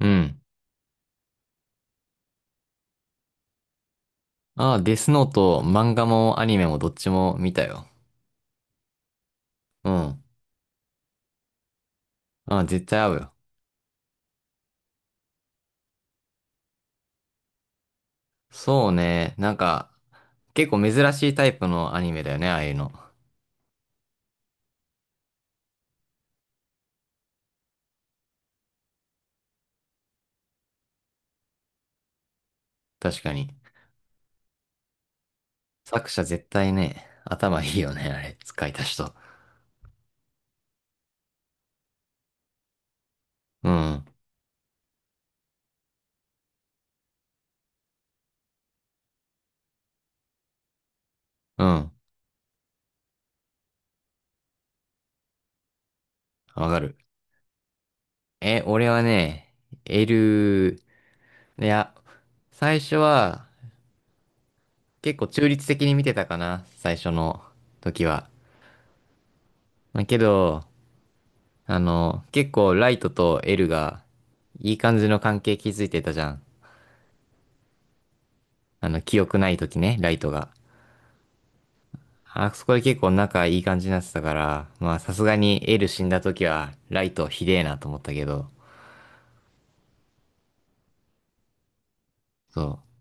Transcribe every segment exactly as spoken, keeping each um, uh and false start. うん。ああ、デスノート、漫画もアニメもどっちも見たよ。うん。ああ、絶対合うよ。そうね。なんか、結構珍しいタイプのアニメだよね、ああいうの。確かに。作者絶対ね、頭いいよね、あれ、使いた人。うん。うん。わかる。え、俺はね、エル、いや、最初は結構中立的に見てたかな、最初の時は。まあけど、あの、結構ライトとエルがいい感じの関係築いてたじゃん。あの、記憶ない時ね、ライトが。あそこで結構仲いい感じになってたから、まあさすがにエル死んだ時はライトひでえなと思ったけど、そう、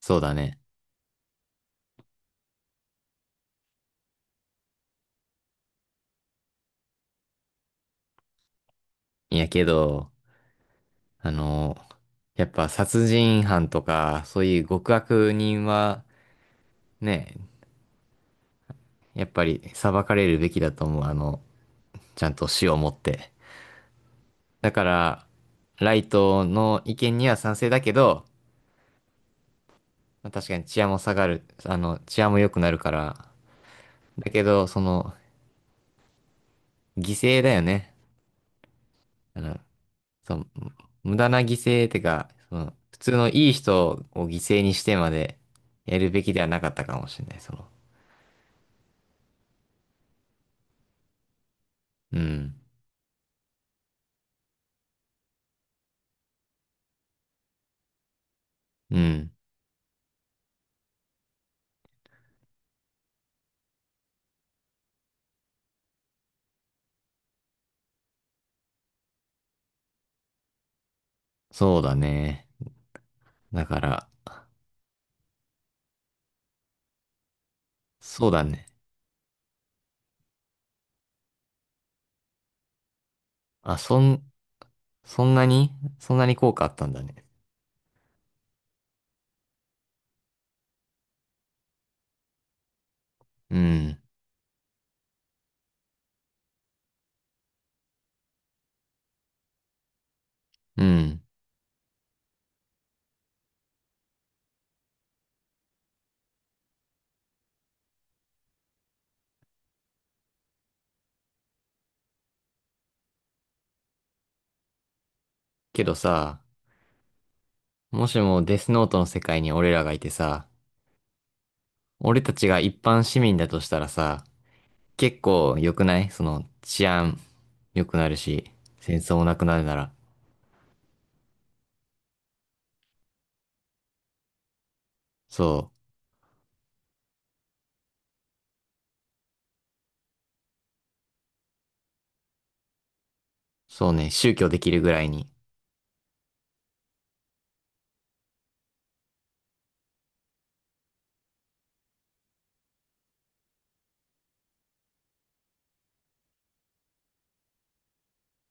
そうだね。いやけど、あの、やっぱ殺人犯とか、そういう極悪人はね、やっぱり裁かれるべきだと思う。あの、ちゃんと死をもって。だから、ライトの意見には賛成だけど、まあ確かに治安も下がる、あの、治安も良くなるから。だけど、その、犠牲だよね。あの、その、無駄な犠牲ってか、その、普通のいい人を犠牲にしてまでやるべきではなかったかもしれない、その。うん。うん。そうだね。だから、そうだね。あ、そん、そんなにそんなに効果あったんだね。うん。うん。けどさ、もしもデスノートの世界に俺らがいてさ、俺たちが一般市民だとしたらさ、結構良くないその治安良くなるし、戦争もなくなるなら。そう、そうね、宗教できるぐらいに。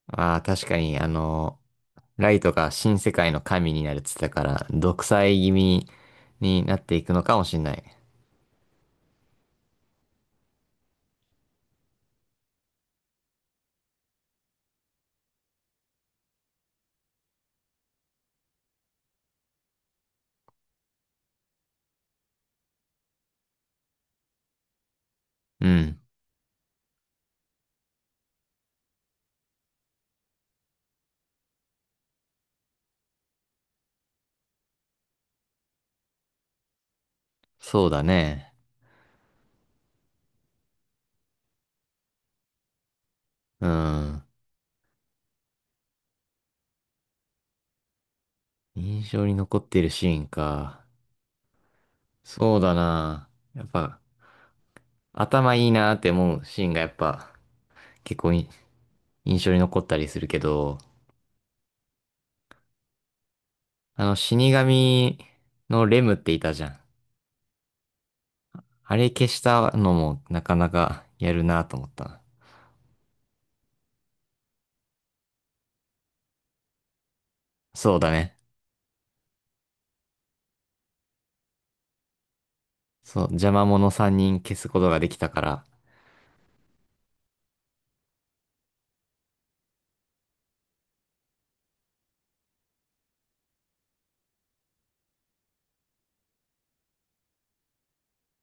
ああ、確かに、あの、ライトが新世界の神になるって言ってたから、独裁気味になっていくのかもしんない。うん、そうだね。うん。印象に残ってるシーンか。そうだな。やっぱ、頭いいなって思うシーンがやっぱ、結構い印象に残ったりするけど、あの、死神のレムっていたじゃん。あれ消したのもなかなかやるなと思ったな。そうだね。そう、邪魔者さんにん消すことができたから。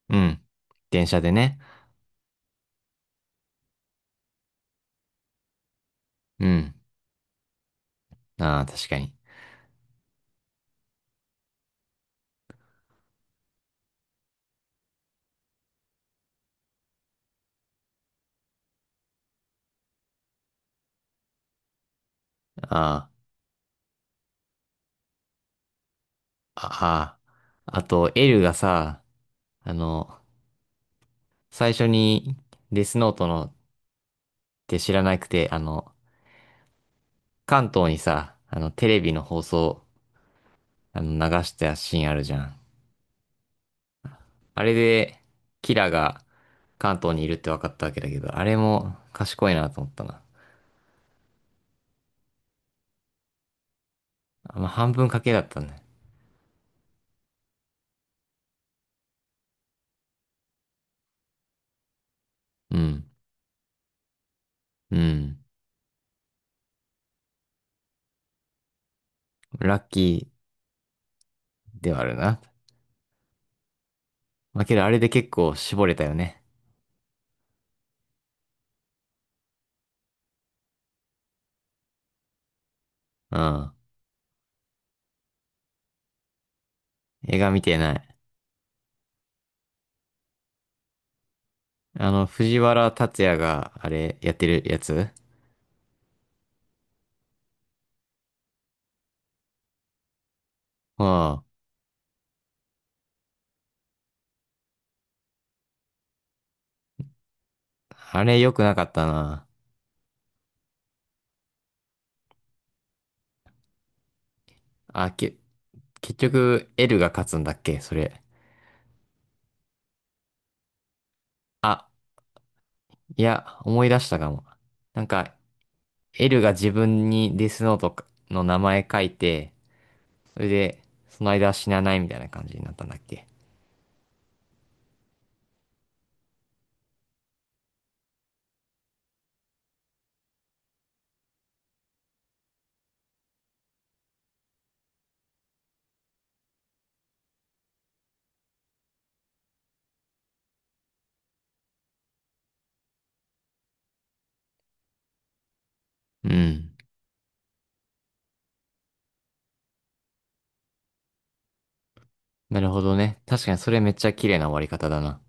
うん。電車でね。うん。ああ、確かに。ああ、ああ。あと、エルがさ、あの、最初にデスノートのって知らなくて、あの、関東にさ、あの、テレビの放送、あの、流したシーンあるじゃん。あれで、キラが関東にいるって分かったわけだけど、あれも賢いなと思ったな。あまあ、半分賭けだったね。うん。うん。ラッキーではあるな。まあ、けどあれで結構絞れたよね。うん。映画見てない。あの、藤原竜也があれやってるやつ。うん。あれ良くなかったな。あ、け、結局、L が勝つんだっけそれ？あ、いや、思い出したかも。なんか、L が自分にデスノートの名前書いて、それで、その間は死なないみたいな感じになったんだっけ？うん。なるほどね。確かにそれめっちゃ綺麗な終わり方だな。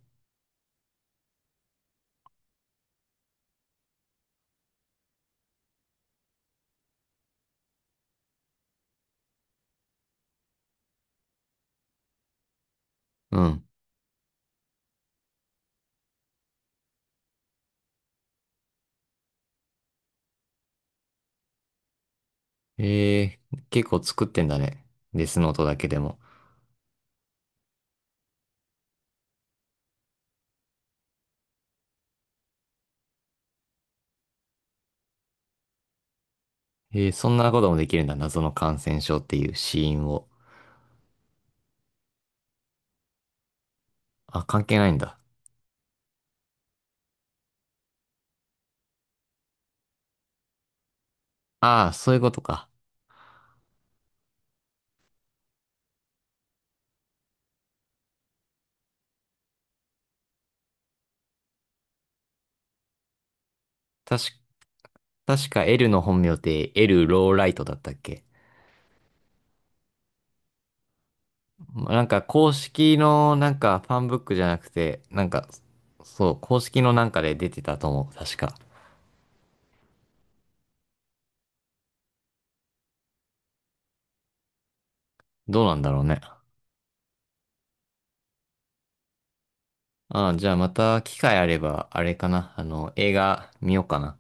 うん。ええー結構作ってんだね。デスノートだけでも。えー、そんなこともできるんだ。謎の感染症っていう死因を。あ、関係ないんだ。ああ、そういうことか。確か、確か L の本名って L ローライトだったっけ？なんか公式のなんかファンブックじゃなくて、なんか、そう、公式のなんかで出てたと思う、確か。どうなんだろうね。ああ、じゃあまた機会あれば、あれかな。あの、映画見ようかな。